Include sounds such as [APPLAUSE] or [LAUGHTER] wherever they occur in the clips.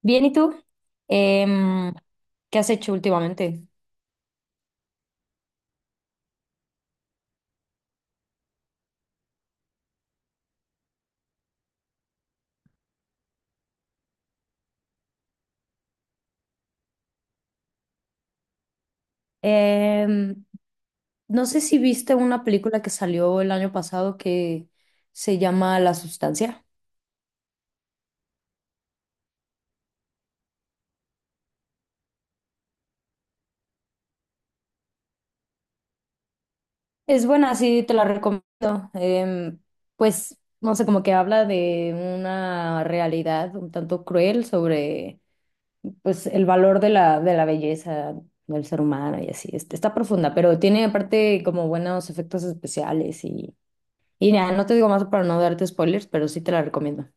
Bien, ¿y tú? Em, ¿Qué has hecho últimamente? Em, no sé si viste una película que salió el año pasado que se llama La Sustancia. Es buena, sí, te la recomiendo. Em, pues, no sé, como que habla de una realidad un tanto cruel sobre, pues, el valor de la belleza del ser humano y así. Este, está profunda, pero tiene aparte como buenos efectos especiales. Y ya, no te digo más para no darte spoilers, pero sí te la recomiendo.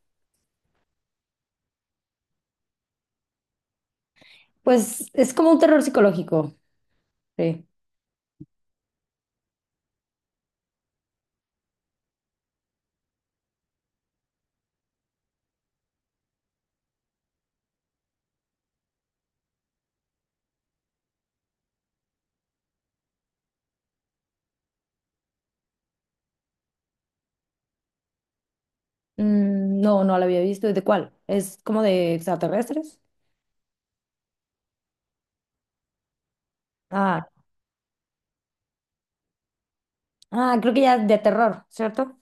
Pues es como un terror psicológico. Sí. Mm, no, no la había visto. ¿De cuál? ¿Es como de extraterrestres? Ah, ah, creo que ya de terror, ¿cierto?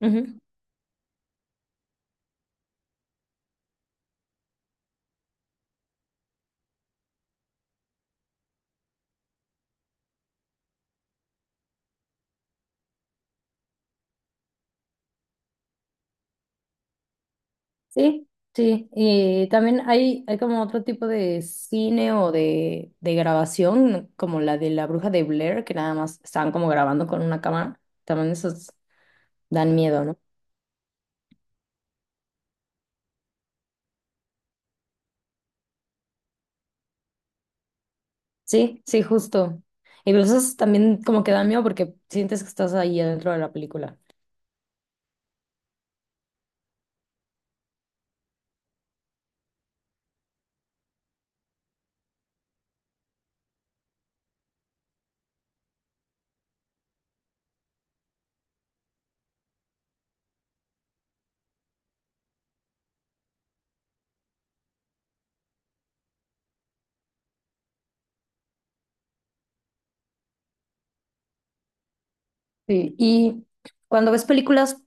Ujú. Sí, sí. Y también hay como otro tipo de cine o de grabación, como la de la bruja de Blair, que nada más estaban como grabando con una cámara. También esos dan miedo, ¿no? Sí, sí, justo. Y pero eso también como que da miedo porque sientes que estás ahí adentro de la película. Sí. Y cuando ves películas,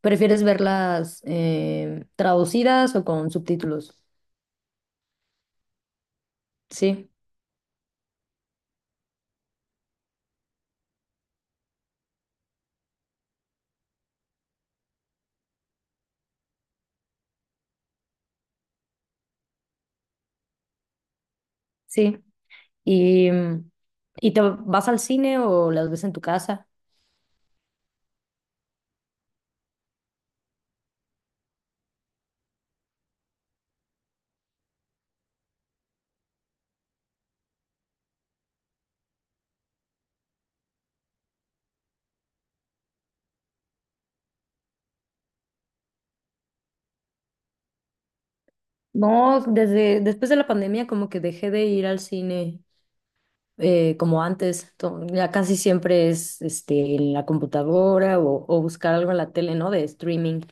¿prefieres verlas traducidas o con subtítulos? Sí, sí. ¿Y, y te vas al cine o las ves en tu casa? No, desde después de la pandemia como que dejé de ir al cine como antes. Ya casi siempre es este, en la computadora o buscar algo en la tele, ¿no? De streaming.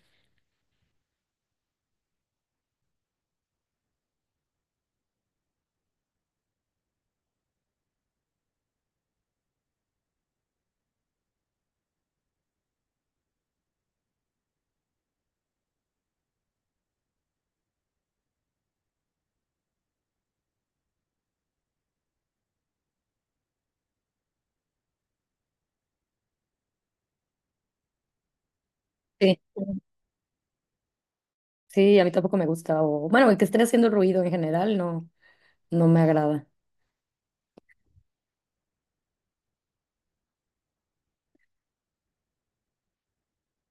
Sí. Sí, a mí tampoco me gusta. O, bueno, el que esté haciendo ruido en general no, no me agrada.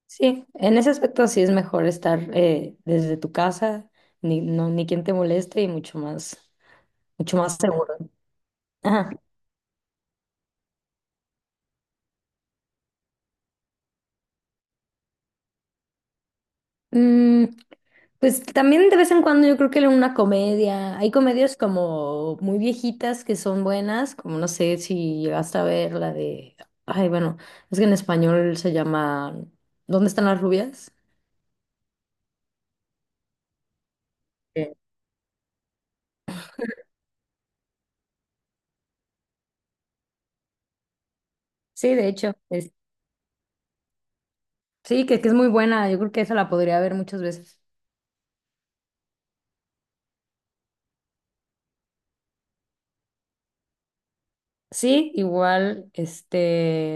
Sí, en ese aspecto sí es mejor estar desde tu casa, ni, no, ni quien te moleste y mucho más seguro. Ajá. Mm, pues también de vez en cuando yo creo que una comedia, hay comedias como muy viejitas que son buenas, como no sé si llegaste a ver la de, ay, bueno, es que en español se llama ¿Dónde están las rubias? Eh, Sí, de hecho, sí, que es muy buena. Yo creo que esa la podría ver muchas veces. Sí, igual, este,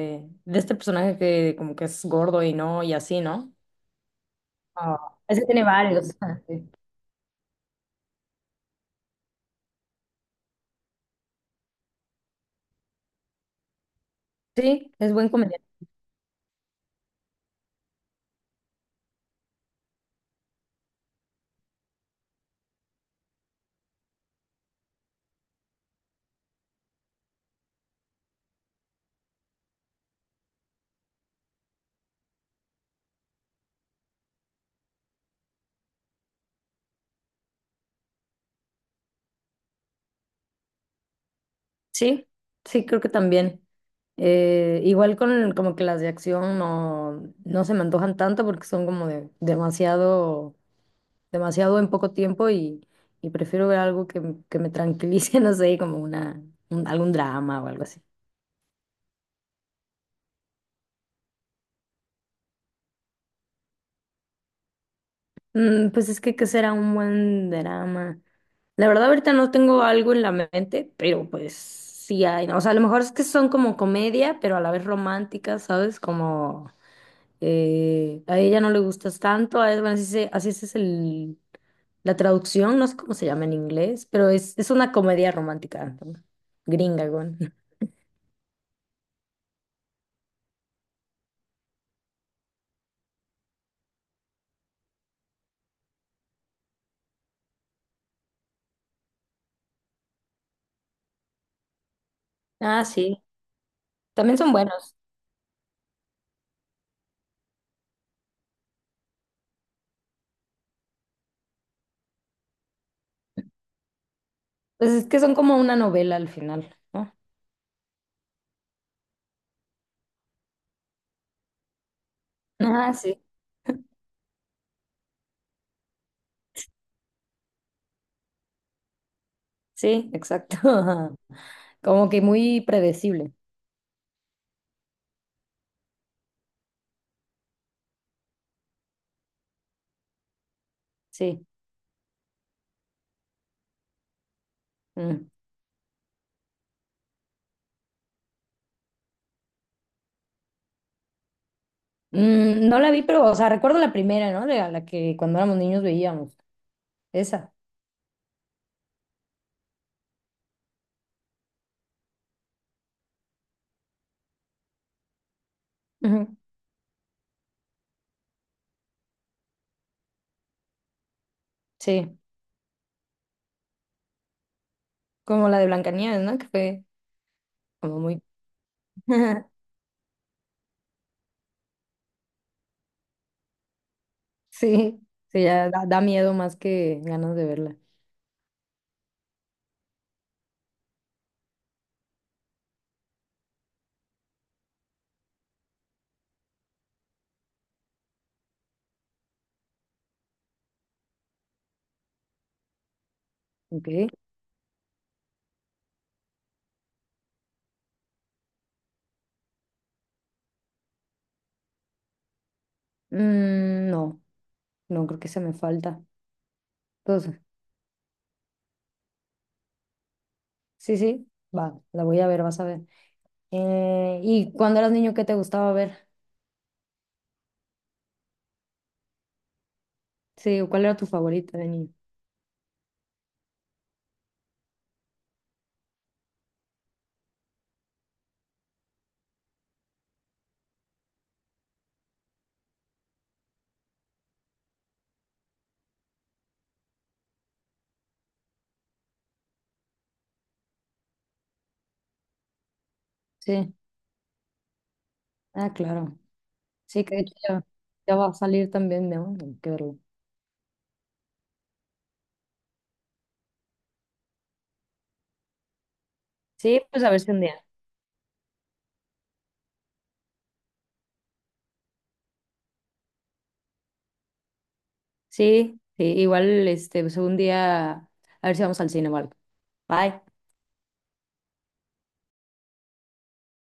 de este personaje que como que es gordo y no, y así, ¿no? Ah, ese tiene varios. [LAUGHS] Ah, sí, sí, es buen comediante. Sí, sí, creo que también. Igual con como que las de acción no, no se me antojan tanto porque son como de demasiado, demasiado en poco tiempo y prefiero ver algo que me tranquilice, [LAUGHS] no sé, como una, algún drama o algo así. Mm, pues es que qué será un buen drama. La verdad ahorita no tengo algo en la mente, pero pues sí hay, ¿no? O sea, a lo mejor es que son como comedia, pero a la vez románticas, ¿sabes? Como a ella no le gustas tanto, a él, bueno, así, así es el, la traducción, no sé cómo se llama en inglés, pero es una comedia romántica, ¿no? Gringa, güey. [LAUGHS] Ah, sí, también son buenos. Pues es que son como una novela al final, ¿no? [LAUGHS] Ah, sí, sí, exacto. [LAUGHS] Como que muy predecible, sí. Mm. Mm, no la vi, pero, o sea, recuerdo la primera, ¿no? La que cuando éramos niños veíamos. Esa. Ujú. Sí, como la de Blancanieves, ¿no? Que fue como muy... [LAUGHS] Sí, sí, ya da, da miedo más que ganas de verla. Ok. Mm, no, no creo que se me falta. Entonces, sí, sí, va, la voy a ver, vas a ver. ¿Y cuando eras niño, qué te gustaba ver? Sí, ¿cuál era tu favorita de niño? Sí, ah, claro. Sí, que de hecho ya, ya va a salir también, ¿no? Hay que verlo. Sí, pues a ver si un día. Sí, sí, igual, este, pues un día, a ver si vamos al cine, Marco. Bye.